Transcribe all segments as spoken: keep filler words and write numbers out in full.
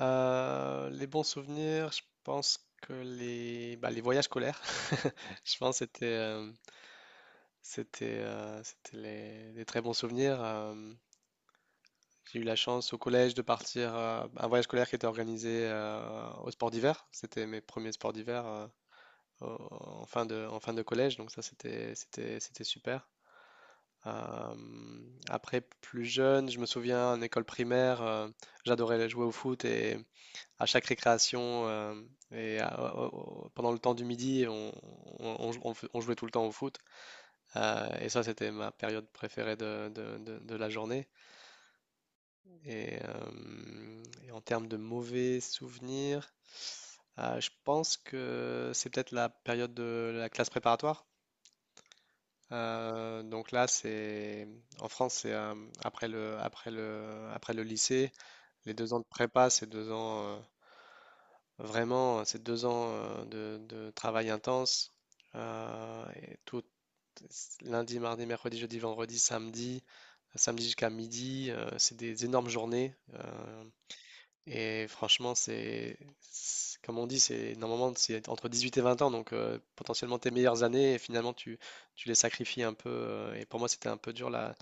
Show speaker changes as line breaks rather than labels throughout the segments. Euh, les bons souvenirs, je pense que les, bah, les voyages scolaires, je pense que c'était euh, c'était euh, c'était les, des très bons souvenirs. Euh, j'ai eu la chance au collège de partir euh, un voyage scolaire qui était organisé euh, au sport d'hiver. C'était mes premiers sports d'hiver euh, au- en fin de, en fin de collège, donc ça c'était c'était c'était super. Euh, après plus jeune, je me souviens en école primaire, euh, j'adorais jouer au foot et à chaque récréation euh, et à- au- au- pendant le temps du midi, on, on- on jou- on f- on jouait tout le temps au foot. Euh, et ça, c'était ma période préférée de, de- de- de la journée. Et, euh, et en termes de mauvais souvenirs, euh, je pense que c'est peut-être la période de la classe préparatoire. Euh, donc là, c'est en France, c'est euh, après le, après le, après le lycée, les deux ans de prépa, c'est deux ans. euh, Vraiment, euh, ces deux ans euh, de, de travail intense, euh, et tout lundi, mardi, mercredi, jeudi, vendredi, samedi, samedi jusqu'à midi, euh, c'est des énormes journées. euh, et franchement, c'est, c'est- comme on dit, c'est normalement c'est entre dix-huit et vingt ans, donc euh, potentiellement tes meilleures années, et finalement tu, tu les sacrifies un peu. euh, et pour moi, c'était un peu dur la,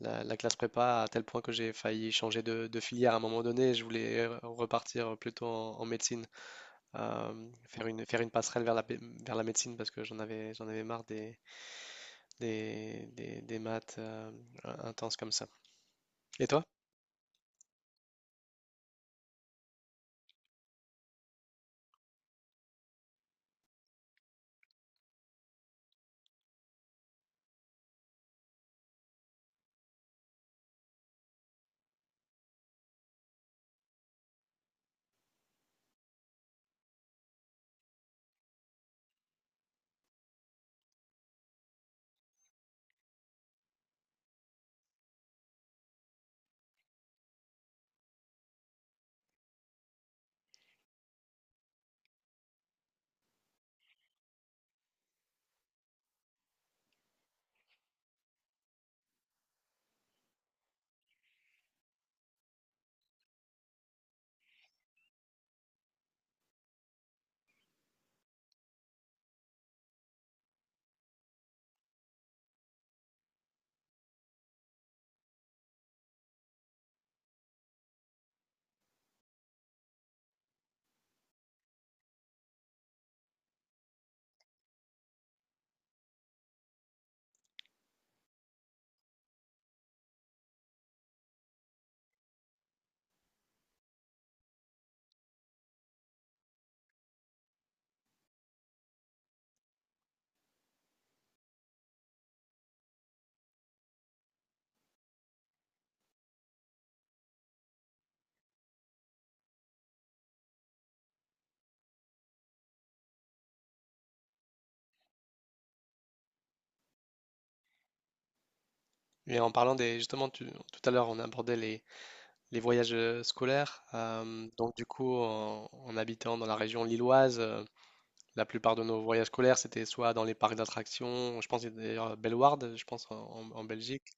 la, la classe prépa à tel point que j'ai failli changer de, de filière à un moment donné. Je voulais euh, repartir plutôt en, en médecine euh, faire une, faire une passerelle vers la, pé- vers la médecine parce que j'en avais, j'en avais marre des, des, des, des maths euh, intenses comme ça. Et toi? Et en parlant des, justement, tu- tout à l'heure, on abordait les, les voyages euh, scolaires. Euh, donc, du coup, en, en habitant dans la région lilloise, euh, la plupart de nos voyages scolaires, c'était soit dans les parcs d'attractions, je pense qu'il y d'ailleurs à Bellewaerde, je pense, en, en- en Belgique.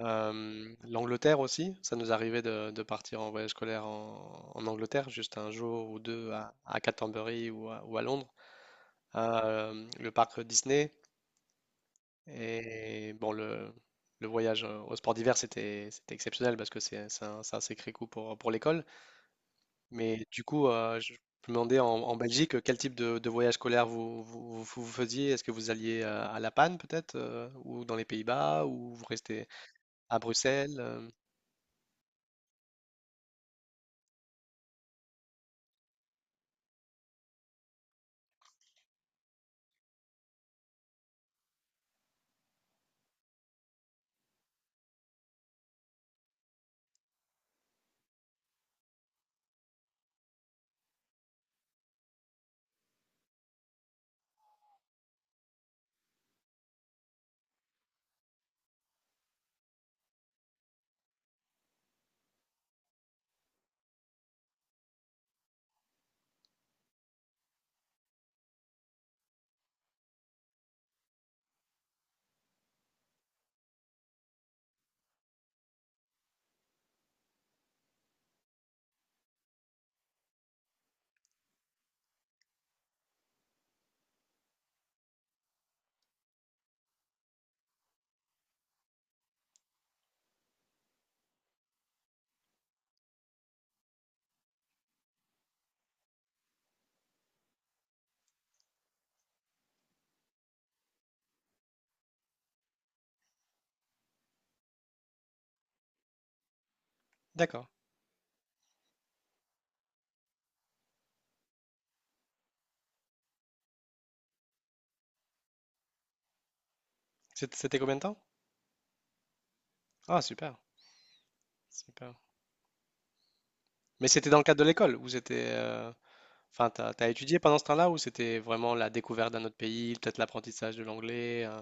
Euh, l'Angleterre aussi, ça nous arrivait de, de partir en voyage scolaire en, en Angleterre, juste un jour ou deux à, à Canterbury ou à, ou à Londres. Euh, le parc Disney. Et bon, le, le voyage euh, au sport d'hiver, c'était c'était exceptionnel parce que c'est c'est un, c'est un sacré coup pour, pour l'école. Mais du coup, euh, je me demandais en, en Belgique quel type de, de voyage scolaire vous, vous, vous- vous faisiez. Est-ce que vous alliez euh, à La Panne peut-être, euh, ou dans les Pays-Bas, ou vous restez à Bruxelles? euh, D'accord. C'était c'était combien de temps? Ah, super, super. Mais c'était dans le cadre de l'école ou c'était... euh, Enfin, t'as, t'as étudié pendant ce temps-là ou c'était vraiment la découverte d'un autre pays, peut-être l'apprentissage de l'anglais? euh,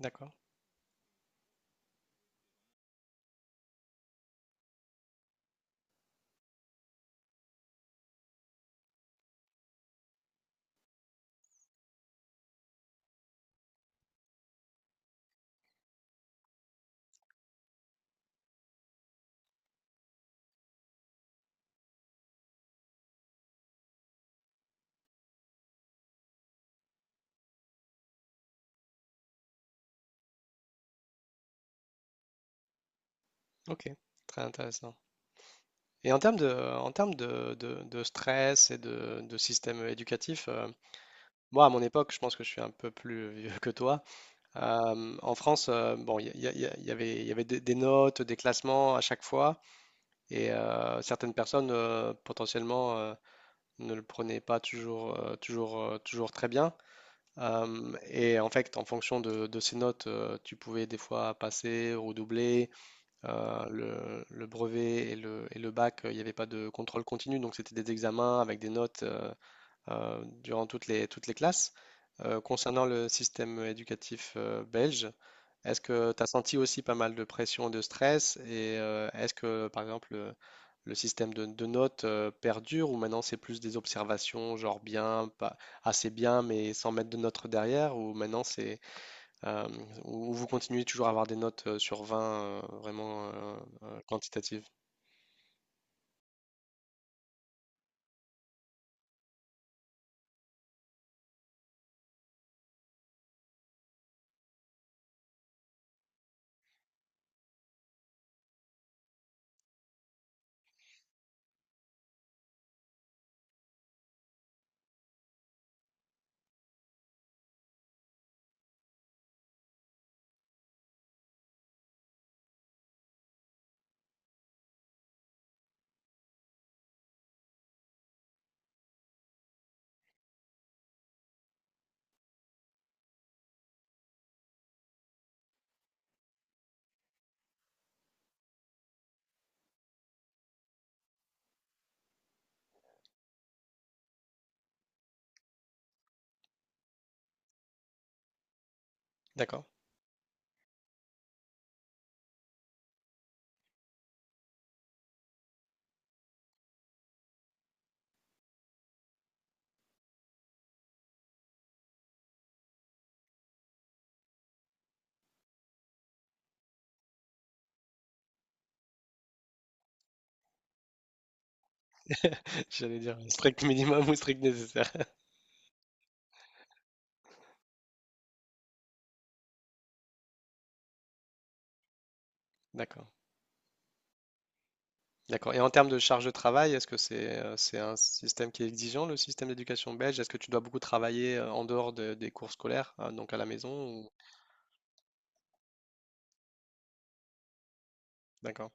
D'accord, ok, très intéressant. Et en termes de, en termes de, de- de stress et de, de système éducatif, euh, moi, à mon époque, je pense que je suis un peu plus vieux que toi. Euh, en France, euh, bon, il y, a- il y a- il y avait, il y avait des, des notes, des classements à chaque fois, et euh, certaines personnes euh, potentiellement euh, ne le prenait pas toujours, euh, toujours, euh, toujours très bien. Euh, et en fait, en fonction de, de ces notes, euh, tu pouvais des fois passer, redoubler. euh, le, le brevet et le, et le bac, euh, il n'y avait pas de contrôle continu, donc c'était des examens avec des notes euh, euh, durant toutes les, toutes les classes. Euh, concernant le système éducatif euh, belge, est-ce que tu as senti aussi pas mal de pression, de stress et euh, est-ce que par exemple le, le système de, de notes euh, perdure ou maintenant c'est plus des observations genre bien, pas assez bien mais sans mettre de notes derrière ou maintenant c'est euh, ou vous continuez toujours à avoir des notes euh, sur vingt euh, vraiment euh, euh, quantitatives? D'accord. J'allais dire strict minimum ou strict nécessaire. D'accord. D'accord. Et en termes de charge de travail, est-ce que c'est euh, c'est un système qui est exigeant, le système d'éducation belge? Est-ce que tu dois beaucoup travailler euh, en dehors de- des cours scolaires, euh, donc à la maison ou... D'accord.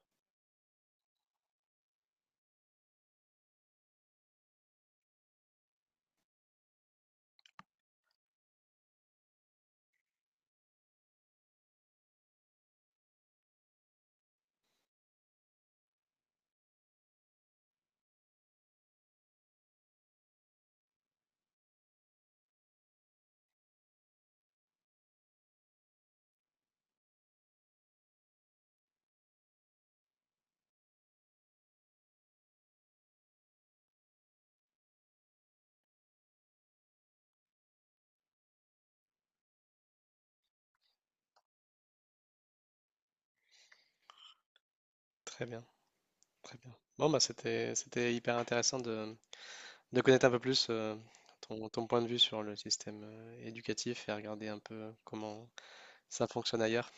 Très bien, très bien. Bon, bah c'était c'était hyper intéressant de, de connaître un peu plus euh, ton, ton point de vue sur le système euh, éducatif et regarder un peu comment ça fonctionne ailleurs.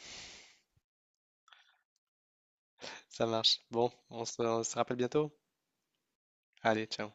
Ça marche. Bon, on se, on se rappelle bientôt. Allez, ciao.